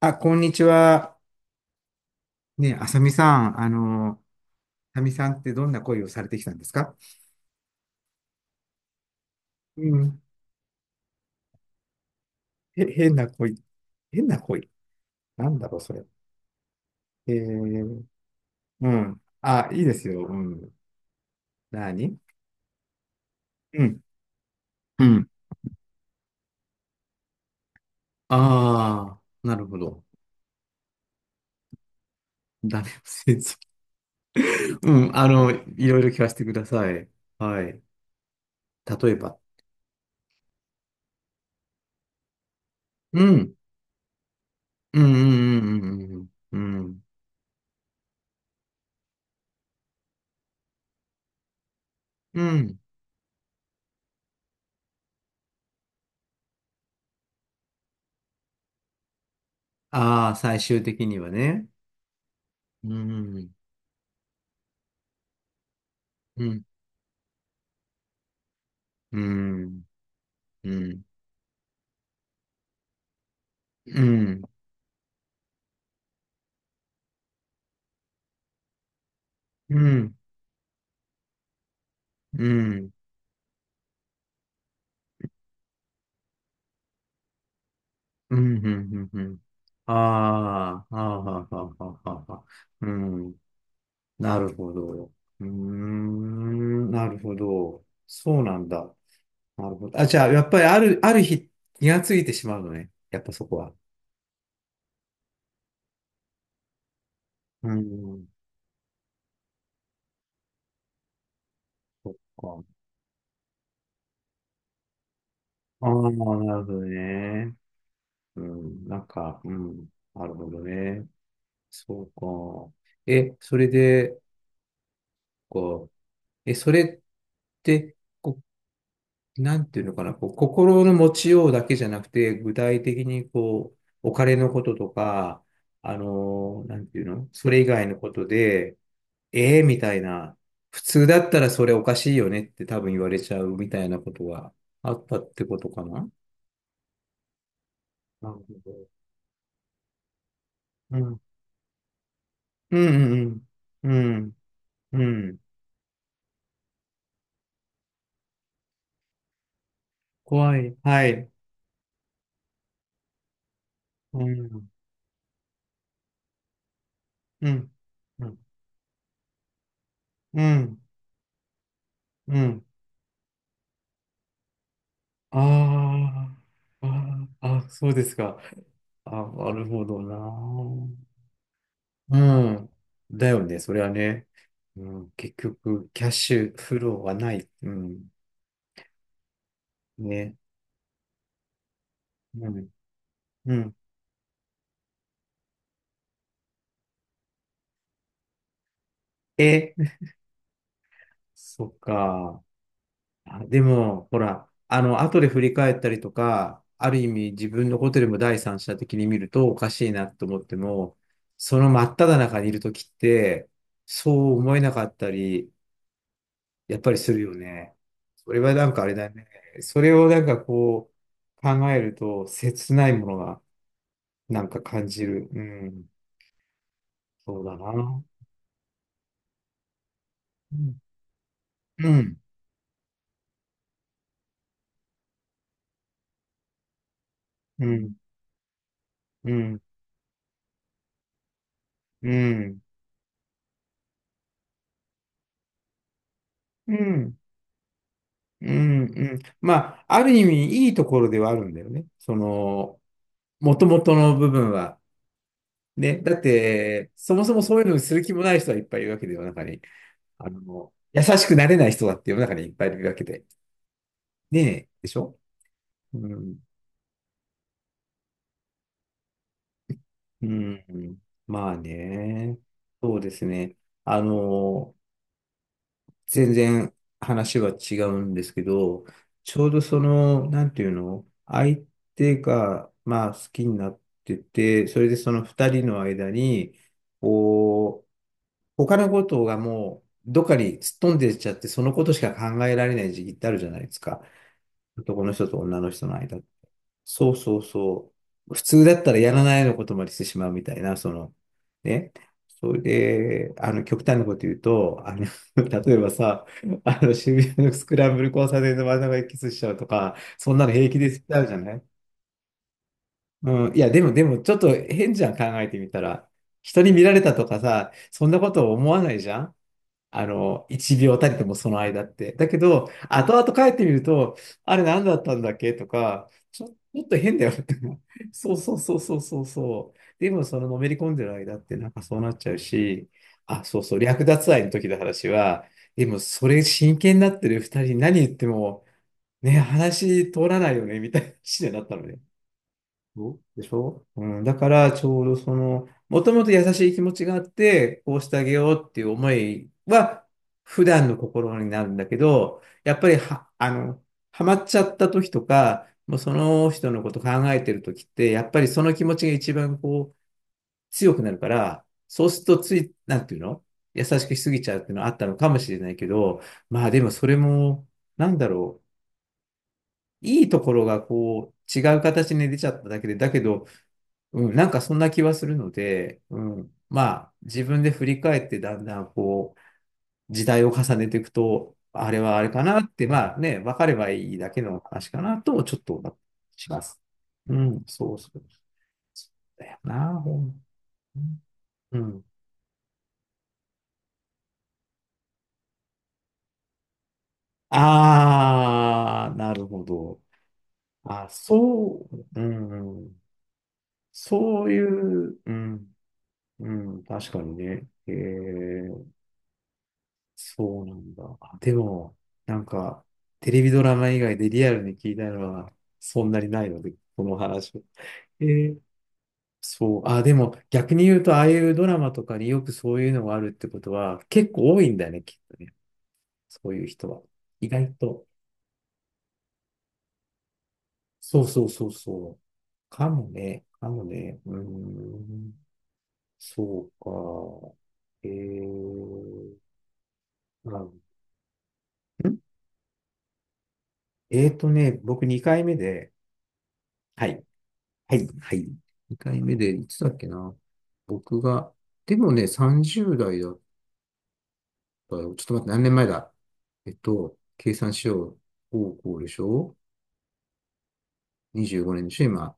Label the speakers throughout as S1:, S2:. S1: あ、こんにちは。ね、あさみさん、あの、あさみさんってどんな恋をされてきたんですか？うん。へ、変な恋。変な恋。なんだろう、それ。えー、うん。あ、いいですよ。うん。何。うん。うん。ああ、なるほど。ダメ先生。うん。あの、いろいろ聞かせてください。はい。例えば。うん。うん。うん、うん、うん、うん、うん。うん。ああー、最終的にはね。うん。うん。うん。うん。うん。うん。うん。うん。うん。うん。ああ、ああ、はあ、はあ、はあ、はあ。うん。なるほど。うーん。なるほど。そうなんだ。なるほど。あ、じゃあ、やっぱりある日、気がついてしまうのね。やっぱそこは。うん。そっか。ああ、なるほどね。うん。なんか、うん。なるほどね。そうか。それで、こそれって、こう、なんていうのかな、こう、心の持ちようだけじゃなくて、具体的にこう、お金のこととか、あのーなんていうの、それ以外のことで、ええみたいな、普通だったらそれおかしいよねって多分言われちゃうみたいなことがあったってことかな。なるほど。うん。うん、うん、うん。うん。うん。怖い。はい。うん。うん。うん。うん。うん。あーあー、あ、そうですか。あ、なるほどな。うん。だよね、それはね。うん、結局、キャッシュフローはない。うん。ね。うん。うん。え、そっか。あ、でも、ほら、あの、後で振り返ったりとか、ある意味自分のことでも第三者的に見るとおかしいなと思っても、その真っ只中にいるときって、そう思えなかったり、やっぱりするよね。それはなんかあれだね。それをなんかこう考えると切ないものがなんか感じる。うん。そうだな。うん。うん。うん。うん。うん。うん。うん。うん。まあ、ある意味いいところではあるんだよね。その、もともとの部分は。ね。だって、そもそもそういうのにする気もない人はいっぱいいるわけで、世の中に。あの、優しくなれない人だって世の中にいっぱいいるわけで。ねえ。でしょうん。うん。まあね。そうですね。あの、全然話は違うんですけど、ちょうどその、なんていうの、相手が、まあ、好きになってて、それでその二人の間に、こう、他のことがもう、どっかにすっ飛んでっちゃって、そのことしか考えられない時期ってあるじゃないですか。男の人と女の人の間って。そうそうそう。普通だったらやらないようなことまでしてしまうみたいな、その、ね。それで、あの、極端なこと言うと、あの、例えばさ、あの、渋谷のスクランブル交差点の真ん中でキスしちゃうとか、そんなの平気でしちゃうじゃない。うん、いや、でも、でも、ちょっと変じゃん、考えてみたら。人に見られたとかさ、そんなこと思わないじゃん。あの、一秒たりともその間って。だけど、後々帰ってみると、あれ何だったんだっけとか、ちょっと変だよって。そうそうそうそうそうそう。でも、そののめり込んでる間ってなんかそうなっちゃうし、あ、そうそう、略奪愛の時の話は、でも、それ真剣になってる二人に何言っても、ね、話通らないよね、みたいな話になったのね。そうでしょうん、だから、ちょうどその、もともと優しい気持ちがあって、こうしてあげようっていう思いは、普段の心になるんだけど、やっぱりは、あの、ハマっちゃった時とか、もうその人のこと考えてる時って、やっぱりその気持ちが一番こう、強くなるから、そうするとつい、なんていうの、優しくしすぎちゃうっていうのはあったのかもしれないけど、まあでもそれも、なんだろう、いいところがこう、違う形に出ちゃっただけで、だけど、うん、なんかそんな気はするので、うん、まあ自分で振り返ってだんだんこう時代を重ねていくと、あれはあれかなって、まあね、分かればいいだけの話かなと、ちょっと思ったりします。うん、そうそう。そうだよな、ほん。うん。ああ、なるほど。あ、そう、うん、そういう、うん、うん、確かにね。え、そうなんだ。あでも、なんか、テレビドラマ以外でリアルに聞いたのは、そんなにないので、この話。えーそう。あ、でも、逆に言うと、ああいうドラマとかによくそういうのがあるってことは、結構多いんだよね、きっとね。そういう人は。意外と。そうそうそうそう。かもね、かもね。うーん。そうか。えー、あん僕2回目で、はい。はい、はい。2回目で、いつだっけな。僕が、でもね、30代だったよ。ちょっと待って、何年前だ。計算しよう。高校でしょ？ 25 年でしょ今。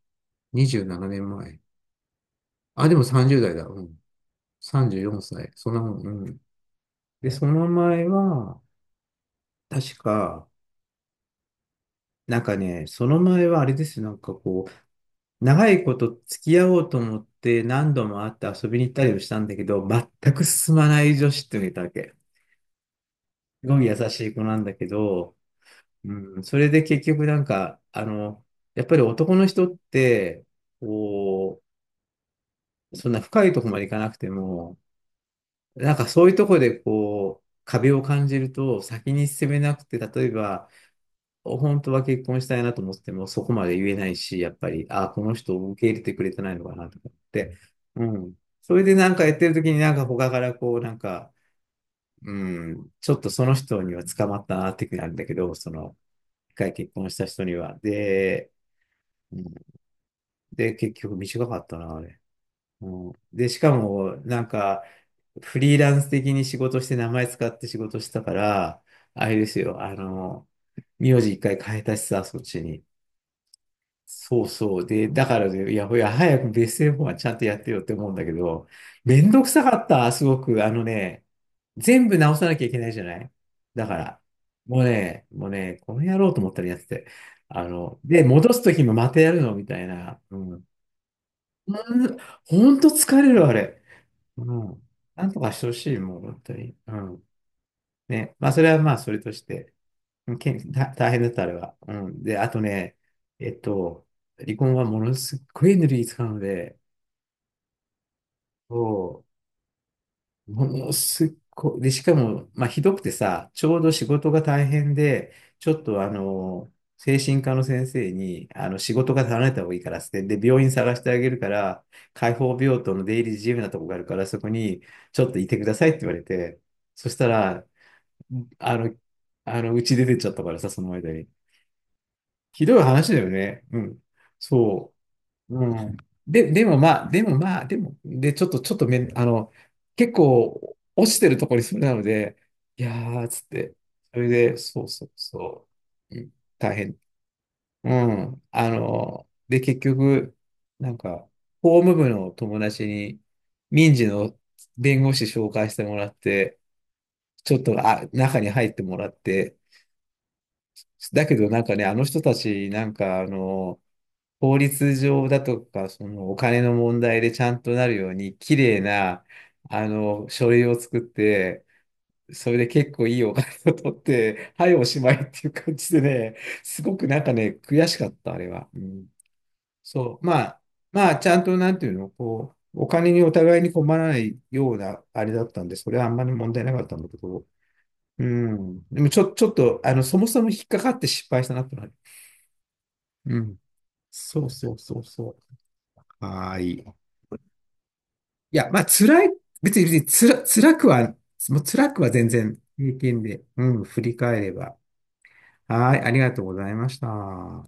S1: 27年前。あ、でも30代だ。うん。34歳。そんなもん。うん。で、その前は、確か、なんかね、その前はあれですよ。なんかこう、長いこと付き合おうと思って何度も会って遊びに行ったりもしたんだけど、全く進まない女子っていうのがいたわけ。すごい優しい子なんだけど、うん、それで結局なんか、あの、やっぱり男の人って、こう、そんな深いとこまでいかなくても、なんかそういうとこでこう、壁を感じると先に進めなくて、例えば、本当は結婚したいなと思ってもそこまで言えないし、やっぱり、ああ、この人を受け入れてくれてないのかなとかって、うん。それでなんかやってる時になんか他からこう、なんか、うん、ちょっとその人には捕まったなっていうふうになるんだけど、その、一回結婚した人には。で、うんで、結局短かったな、あれ。うんで、しかも、なんか、フリーランス的に仕事して名前使って仕事したから、あれですよ、あの、名字一回変えたしさ、そっちに。そうそう。で、だからね、いや、いや、早くベスト4はちゃんとやってよって思うんだけど、めんどくさかった、すごく。あのね、全部直さなきゃいけないじゃない。だから、もうね、もうね、この野郎と思ったらやってて。あの、で、戻すときもまたやるのみたいな。うん。うん、ほんと疲れる、あれ。うん。なんとかしてほしい、もう、本当に。うん。ね。まあ、それはまあ、それとして。け大大変だった、あれは。うん。で、あとね、えっと、離婚はものすっごいエネルギー使うので、そう、ものすっごい、で、しかも、まあ、ひどくてさ、ちょうど仕事が大変で、ちょっとあの、精神科の先生に、あの、仕事が離れた方がいいからっつって、で、病院探してあげるから、開放病棟の出入り自由なとこがあるから、そこにちょっといてくださいって言われて、そしたら、あの、あの、うち出てっちゃったからさ、その間に。ひどい話だよね。うん。そう。うん。で、でもまあ、でもまあ、でも、で、ちょっと、ちょっとめん、あの、結構、落ちてるところにそれなので、いやー、つって、それで、そうそうそう、うん、大変。うん。あの、で、結局、なんか、法務部の友達に、民事の弁護士紹介してもらって、ちょっと、あ、中に入ってもらって、だけどなんかね、あの人たち、なんか、あの、法律上だとか、そのお金の問題でちゃんとなるように、綺麗な、あの、書類を作って、それで結構いいお金を取って、はい、おしまいっていう感じでね、すごくなんかね、悔しかった、あれは。うん、そう、まあ、まあ、ちゃんと、なんていうの、こう、お金にお互いに困らないような、あれだったんで、それはあんまり問題なかったんだけど、うん。でも、ちょっと、あの、そもそも引っかかって失敗したなってのはある。うん。そうそうそうそう。はーい。いや、まあ、辛い、別に、別につら、辛くは、もう辛くは全然平均で、うん、振り返れば。はい、ありがとうございました。